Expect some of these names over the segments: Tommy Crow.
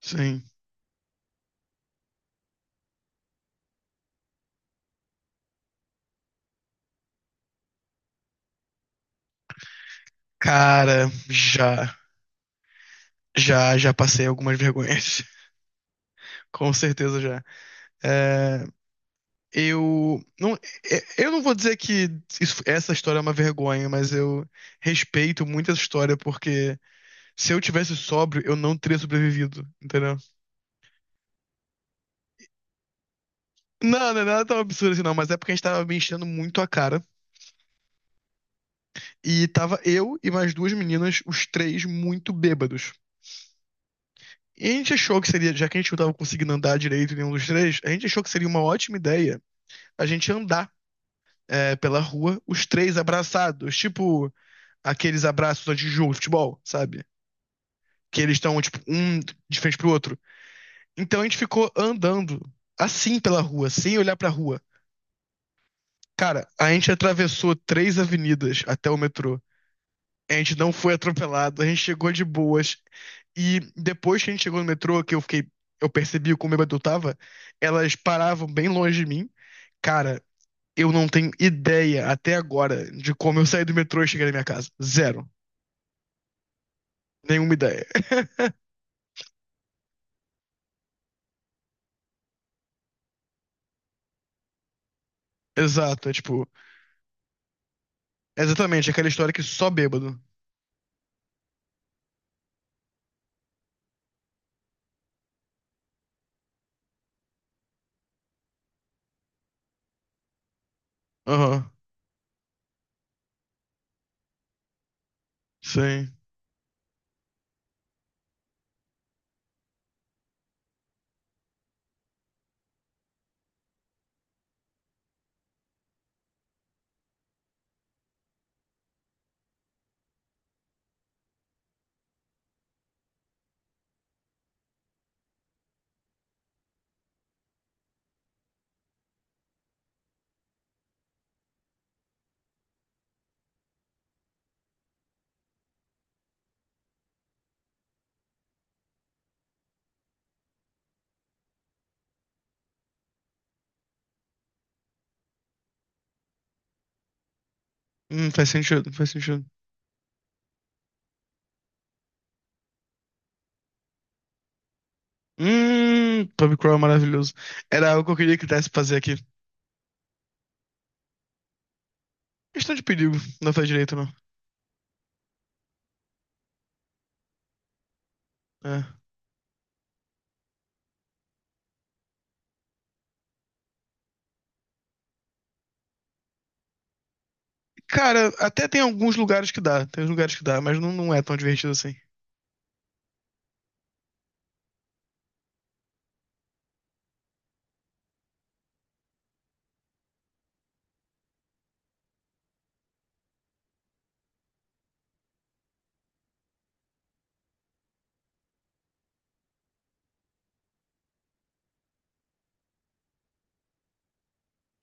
Sim. Cara, já passei algumas vergonhas. Com certeza já. É, eu não, eu não vou dizer que essa história é uma vergonha, mas eu respeito muito essa história porque se eu tivesse sóbrio, eu não teria sobrevivido, entendeu? Não, não é nada tão absurdo assim, não, mas é porque a gente tava me enchendo muito a cara e tava eu e mais duas meninas, os três muito bêbados. E a gente achou que seria, já que a gente não tava conseguindo andar direito nenhum dos três, a gente achou que seria uma ótima ideia a gente andar pela rua, os três abraçados, tipo aqueles abraços antes de jogo de futebol, sabe? Que eles estão, tipo, um de frente pro outro. Então a gente ficou andando assim pela rua, sem olhar pra rua. Cara, a gente atravessou 3 avenidas até o metrô. A gente não foi atropelado, a gente chegou de boas. E depois que a gente chegou no metrô, que eu fiquei, eu percebi como bêbado eu tava, elas paravam bem longe de mim. Cara, eu não tenho ideia até agora de como eu saí do metrô e cheguei na minha casa. Zero. Nenhuma ideia. Exato, é tipo, é exatamente aquela história que só bêbado. Aham, sim. Faz sentido, faz sentido. Tommy Crow é maravilhoso. Era algo que eu queria que desse pra fazer aqui. Questão de perigo, não faz direito, não. É. Cara, até tem alguns lugares que dá, tem uns lugares que dá, mas não, não é tão divertido assim.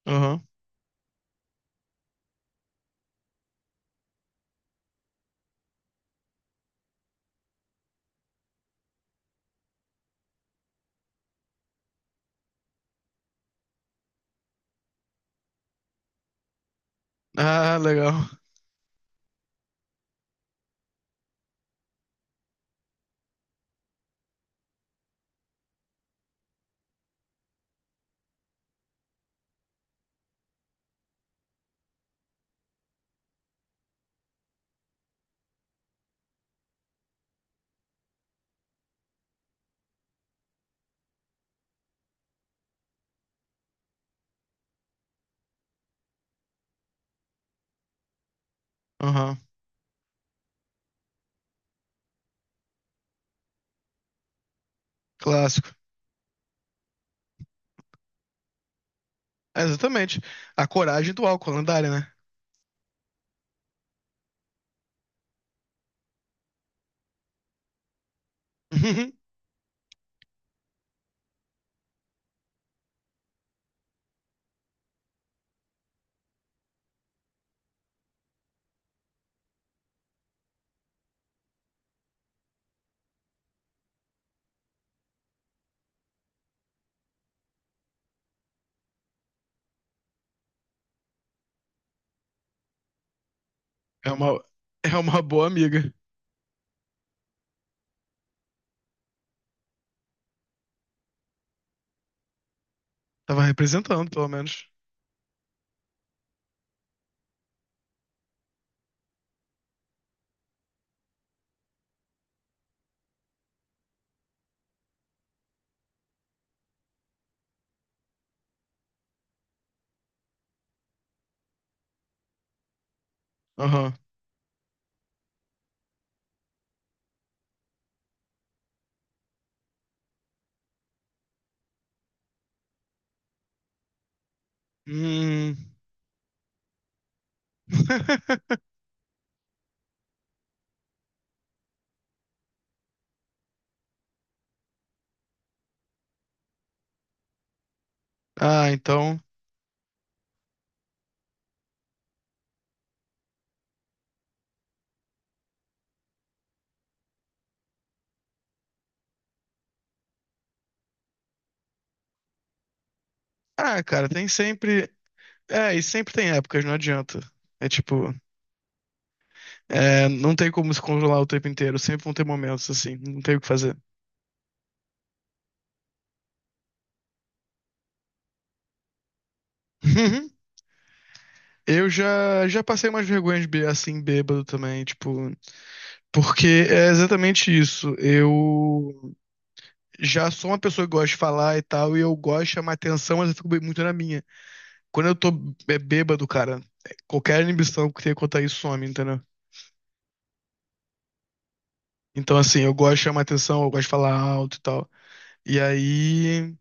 Aham. Ah, legal. Aham. Clássico. É, exatamente. A coragem do álcool, lendária, né? É uma, é uma boa amiga. Tava representando, pelo menos. Aham. Hum. Ah, então. Ah, cara, tem sempre. É, e sempre tem épocas, não adianta. É tipo. É, não tem como se controlar o tempo inteiro. Sempre vão ter momentos assim. Não tem o que fazer. Eu já passei umas vergonhas assim, bêbado também, tipo. Porque é exatamente isso. Eu já sou uma pessoa que gosta de falar e tal, e eu gosto de chamar atenção, mas eu fico muito na minha. Quando eu tô bêbado, cara, qualquer inibição que tenha quanto a isso some, entendeu? Então, assim, eu gosto de chamar atenção, eu gosto de falar alto e tal. E aí,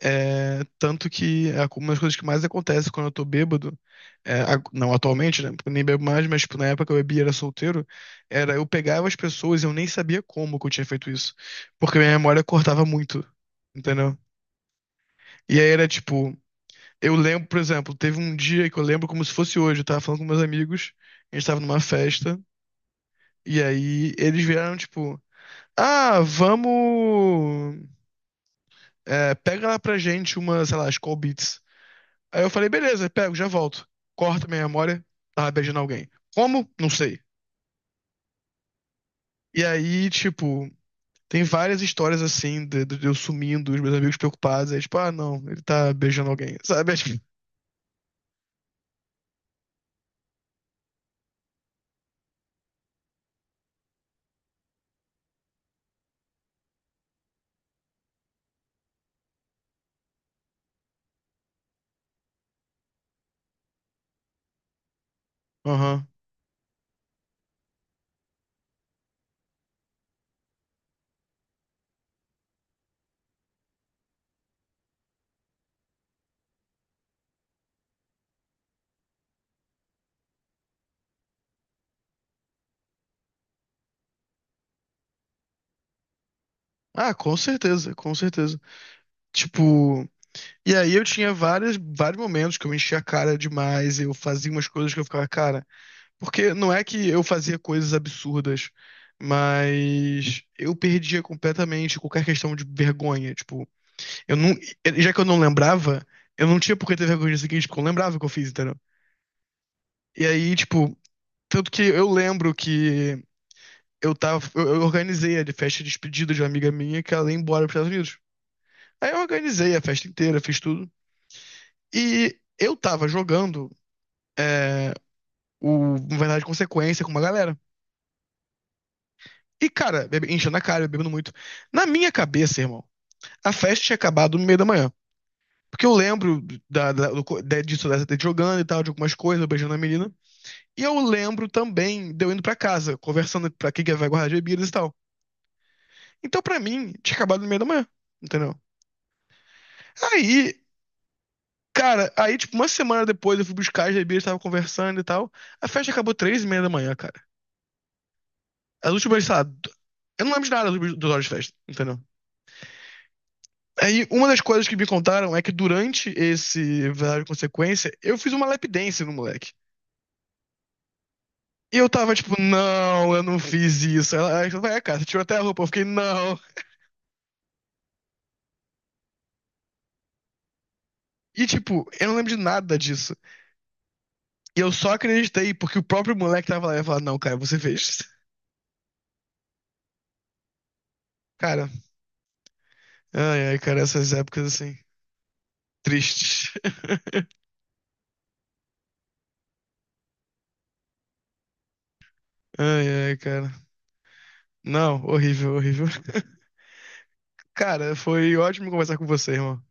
tanto que é uma das coisas que mais acontece quando eu tô bêbado, é, não atualmente, né? Porque eu nem bebo mais, mas tipo, na época que eu bebia e era solteiro, era eu pegava as pessoas e eu nem sabia como que eu tinha feito isso. Porque minha memória cortava muito, entendeu? E aí era tipo, eu lembro, por exemplo, teve um dia que eu lembro como se fosse hoje, eu tava falando com meus amigos, a gente tava numa festa. E aí eles vieram, tipo, ah, vamos. Pega lá pra gente uma, sei lá, as call beats. Aí eu falei, beleza, pego, já volto. Corta minha memória, tava beijando alguém. Como? Não sei. E aí, tipo, tem várias histórias assim, de eu sumindo, os meus amigos preocupados. Aí, tipo, ah, não, ele tá beijando alguém, sabe? É, tipo, aham. Ah, com certeza, com certeza. Tipo, e aí eu tinha várias, vários momentos que eu enchia a cara demais, eu fazia umas coisas que eu ficava, cara. Porque não é que eu fazia coisas absurdas, mas eu perdia completamente qualquer questão de vergonha. Tipo, eu não. Já que eu não lembrava, eu não tinha por que ter vergonha disso aqui, porque eu lembrava o que eu fiz, entendeu? E aí, tipo, tanto que eu lembro que eu tava. Eu organizei a de festa de despedida de uma amiga minha que ela ia embora para os Estados Unidos. Aí eu organizei a festa inteira, fiz tudo. E eu tava jogando o Verdade e Consequência com uma galera. E, cara, enchendo a cara, bebendo muito. Na minha cabeça, irmão, a festa tinha acabado no meio da manhã. Porque eu lembro disso, dessa de jogando e tal, de algumas coisas, eu beijando a menina. E eu lembro também de eu indo pra casa, conversando pra quem que vai guardar as bebidas e tal. Então, pra mim, tinha acabado no meio da manhã, entendeu? Aí, cara, aí, tipo, uma semana depois eu fui buscar as bebidas, tava conversando e tal. A festa acabou 3h30 da manhã, cara. As últimas, sei lá, eu não lembro de nada das últimas 2 horas de festa, entendeu? Aí, uma das coisas que me contaram é que durante esse verdade e consequência, eu fiz uma lap dance no moleque. E eu tava tipo, não, eu não fiz isso. Ela vai, cara, você tirou até a roupa. Eu fiquei, não. E tipo, eu não lembro de nada disso. E eu só acreditei porque o próprio moleque tava lá e falou, não, cara, você fez. Cara, ai, ai, cara, essas épocas assim, tristes. Ai, ai, cara. Não, horrível, horrível. Cara, foi ótimo conversar com você, irmão.